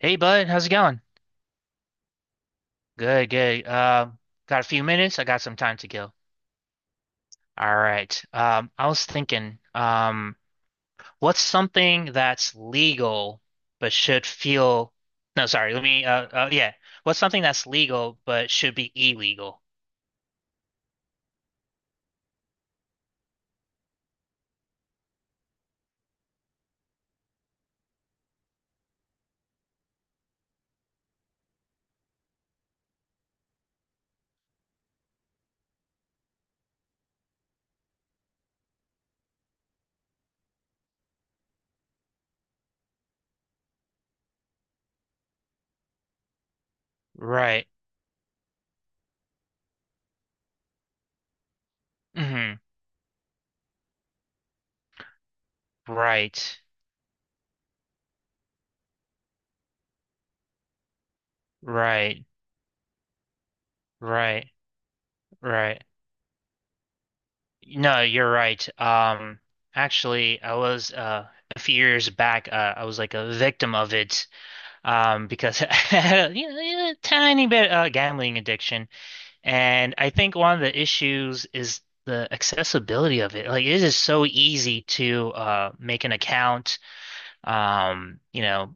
Hey bud, how's it going? Good, good. Got a few minutes. I got some time to kill. All right. I was thinking, what's something that's legal but should feel no, sorry, let me yeah. What's something that's legal but should be illegal? Right. Hmm. Right. Right. Right. Right. No, you're right. Actually, I was a few years back, I was like a victim of it. Because I had a, you know, a tiny bit gambling addiction, and I think one of the issues is the accessibility of it. Like it is so easy to make an account, you know,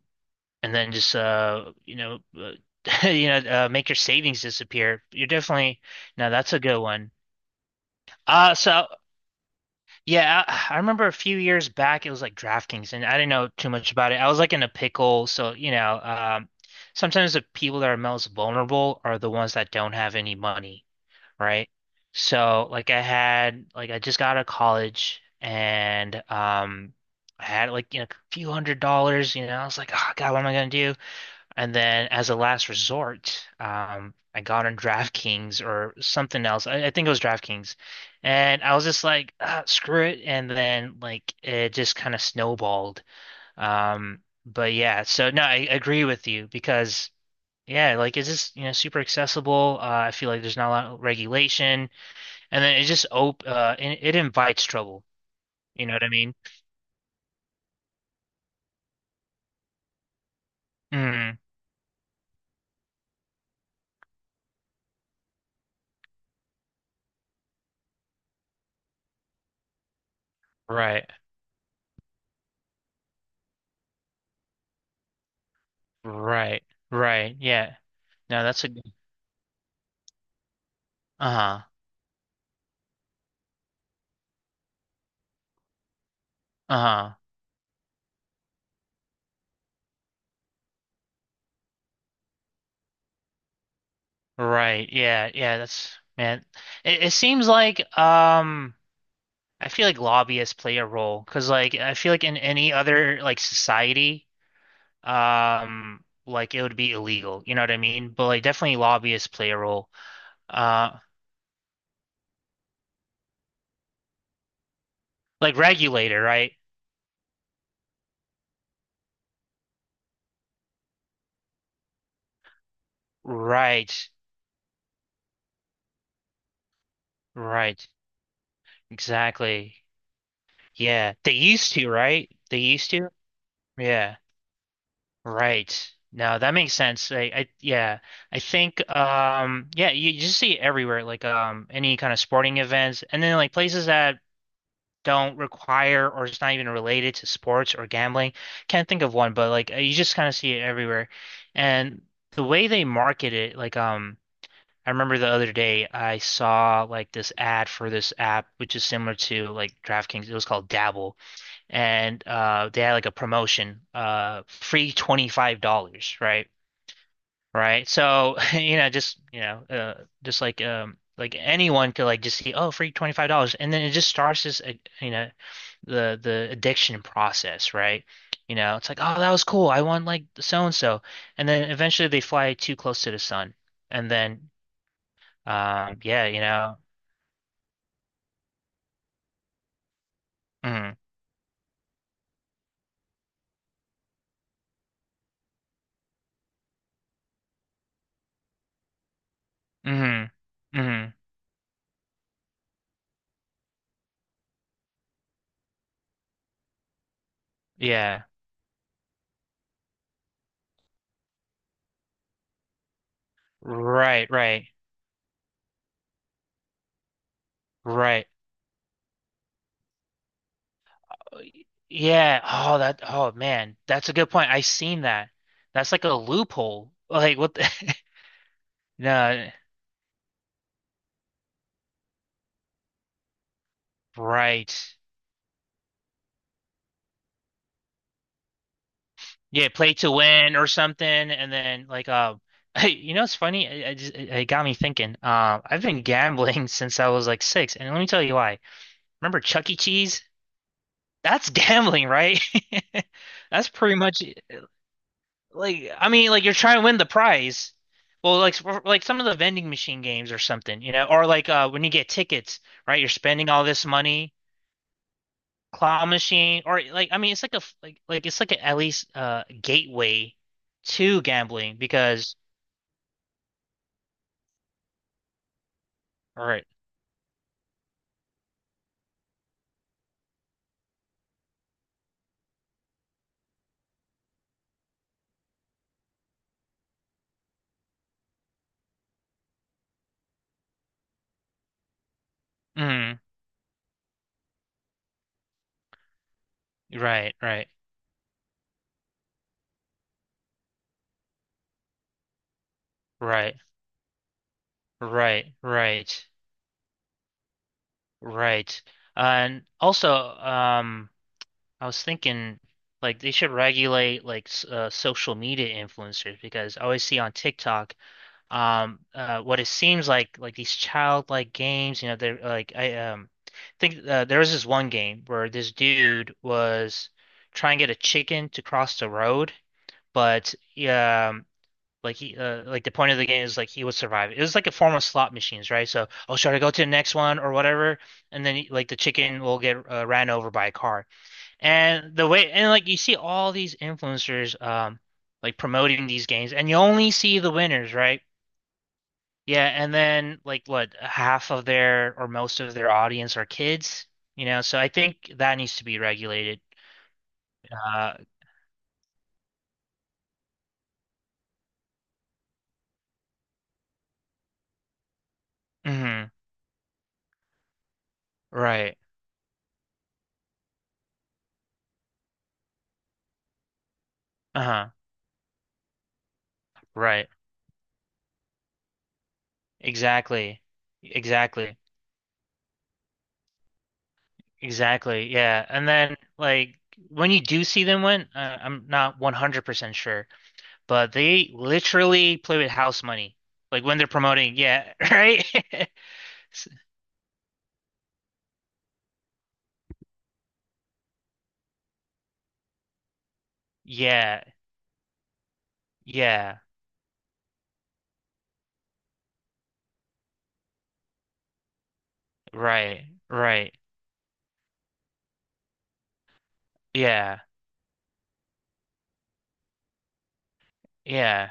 and then just you know, make your savings disappear. You're definitely no, that's a good one. So yeah, I remember a few years back it was like DraftKings, and I didn't know too much about it. I was like in a pickle, so you know, sometimes the people that are most vulnerable are the ones that don't have any money, right? So like I had like I just got out of college and I had like you know a few $100s, you know, I was like, oh God, what am I gonna do? And then as a last resort, I got on DraftKings or something else. I think it was DraftKings. And I was just like, ah, screw it. And then like it just kind of snowballed. But yeah, so no, I agree with you because yeah, like it's just, you know, super accessible. I feel like there's not a lot of regulation. And then it just op it invites trouble. You know what I mean? Mm, right, right, right. Yeah. No, that's a good. Uh-huh. Uh-huh. Right. Yeah. Yeah. That's man. It seems like I feel like lobbyists play a role because like I feel like in any other like society, like it would be illegal. You know what I mean? But like definitely lobbyists play a role. Uh, like regulator, right? Right. Right. Exactly. Yeah. They used to, right? They used to. Yeah. Right. No, that makes sense. I yeah. I think yeah, you just see it everywhere, like any kind of sporting events and then like places that don't require or it's not even related to sports or gambling. Can't think of one, but like you just kind of see it everywhere. And the way they market it, like I remember the other day I saw like this ad for this app, which is similar to like DraftKings. It was called Dabble, and they had like a promotion, free $25, right? Right. So, you know, just like anyone could like just see, oh, free $25, and then it just starts this, you know, the addiction process, right? You know, it's like, oh, that was cool. I want like so and so, and then eventually they fly too close to the sun and then yeah, you know. Mm, mm, mm, yeah. Right, right, right. Yeah. Oh, that. Oh, man, that's a good point. I seen that. That's like a loophole. Like what? No. Right. Yeah. Play to win or something, and then like You know, it's funny. I just, it got me thinking. I've been gambling since I was like six, and let me tell you why. Remember Chuck E. Cheese? That's gambling, right? That's pretty much. Like, I mean, like you're trying to win the prize. Well, like some of the vending machine games or something, you know, or like when you get tickets, right? You're spending all this money, claw machine, or like I mean, it's like a like like it's like a, at least gateway to gambling because all right, mm, right, right, right, right, right, right, and also I was thinking like they should regulate like social media influencers because I always see on TikTok what it seems like these childlike games you know they're like I think there was this one game where this dude was trying to get a chicken to cross the road but um like he like the point of the game is like he would survive it was like a form of slot machines right so oh should I go to the next one or whatever and then like the chicken will get ran over by a car and the way and like you see all these influencers like promoting these games and you only see the winners right yeah, and then like what, half of their or most of their audience are kids, you know, so I think that needs to be regulated. Uh, hmm right. Uh-huh. Right. Exactly. Exactly. Exactly. Yeah. And then like when you do see them win, I'm not 100% sure, but they literally play with house money. Like when they're promoting, yeah, right? Yeah. Yeah. Right. Right. Yeah. Yeah.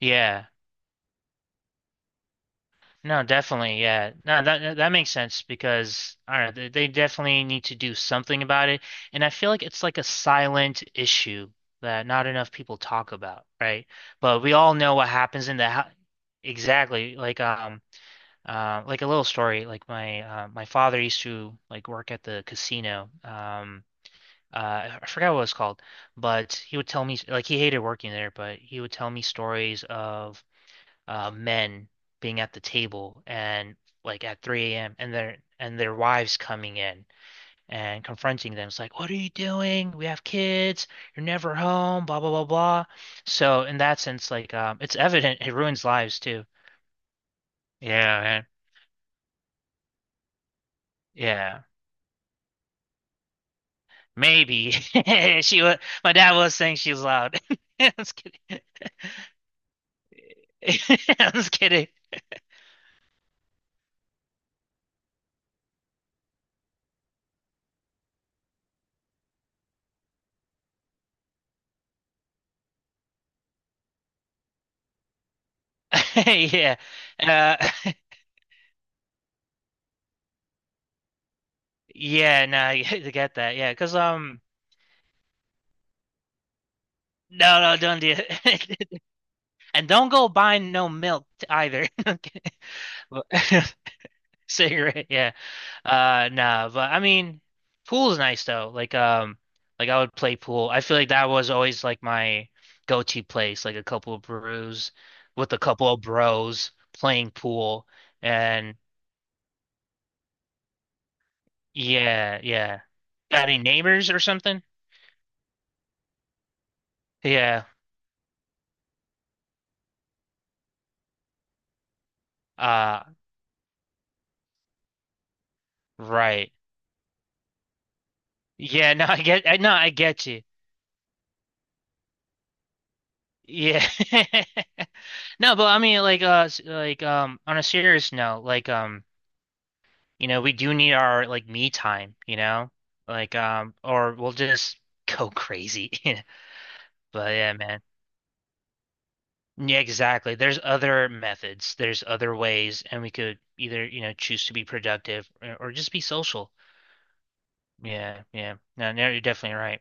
Yeah. No, definitely, yeah. No, that that makes sense because I don't know, they definitely need to do something about it, and I feel like it's like a silent issue that not enough people talk about, right? But we all know what happens in the hou- exactly like a little story like my father used to like work at the casino I forgot what it was called, but he would tell me like he hated working there, but he would tell me stories of men being at the table and like at 3 a.m. and their wives coming in and confronting them. It's like, what are you doing? We have kids. You're never home. Blah blah blah blah. So in that sense, like, it's evident it ruins lives too. Yeah, man. Yeah. Maybe she was. My dad was saying she was loud. I'm just kidding. I'm just kidding. Yeah. Uh, yeah. No, I get that. Yeah, because no, no, don't do it. And don't go buying no milk either. Cigarette, yeah. Nah, but I mean pool's nice though. Like I would play pool. I feel like that was always like my go-to place, like a couple of brews with a couple of bros playing pool. And yeah, yeah. Got any neighbors or something? Yeah. Uh right. Yeah, no, I get you. Yeah. No, but I mean like like on a serious note, like you know, we do need our like me time, you know? Like or we'll just go crazy. But yeah, man. Yeah, exactly. There's other methods. There's other ways and we could either, you know, choose to be productive or just be social. Yeah, yeah. No, no, you're definitely right.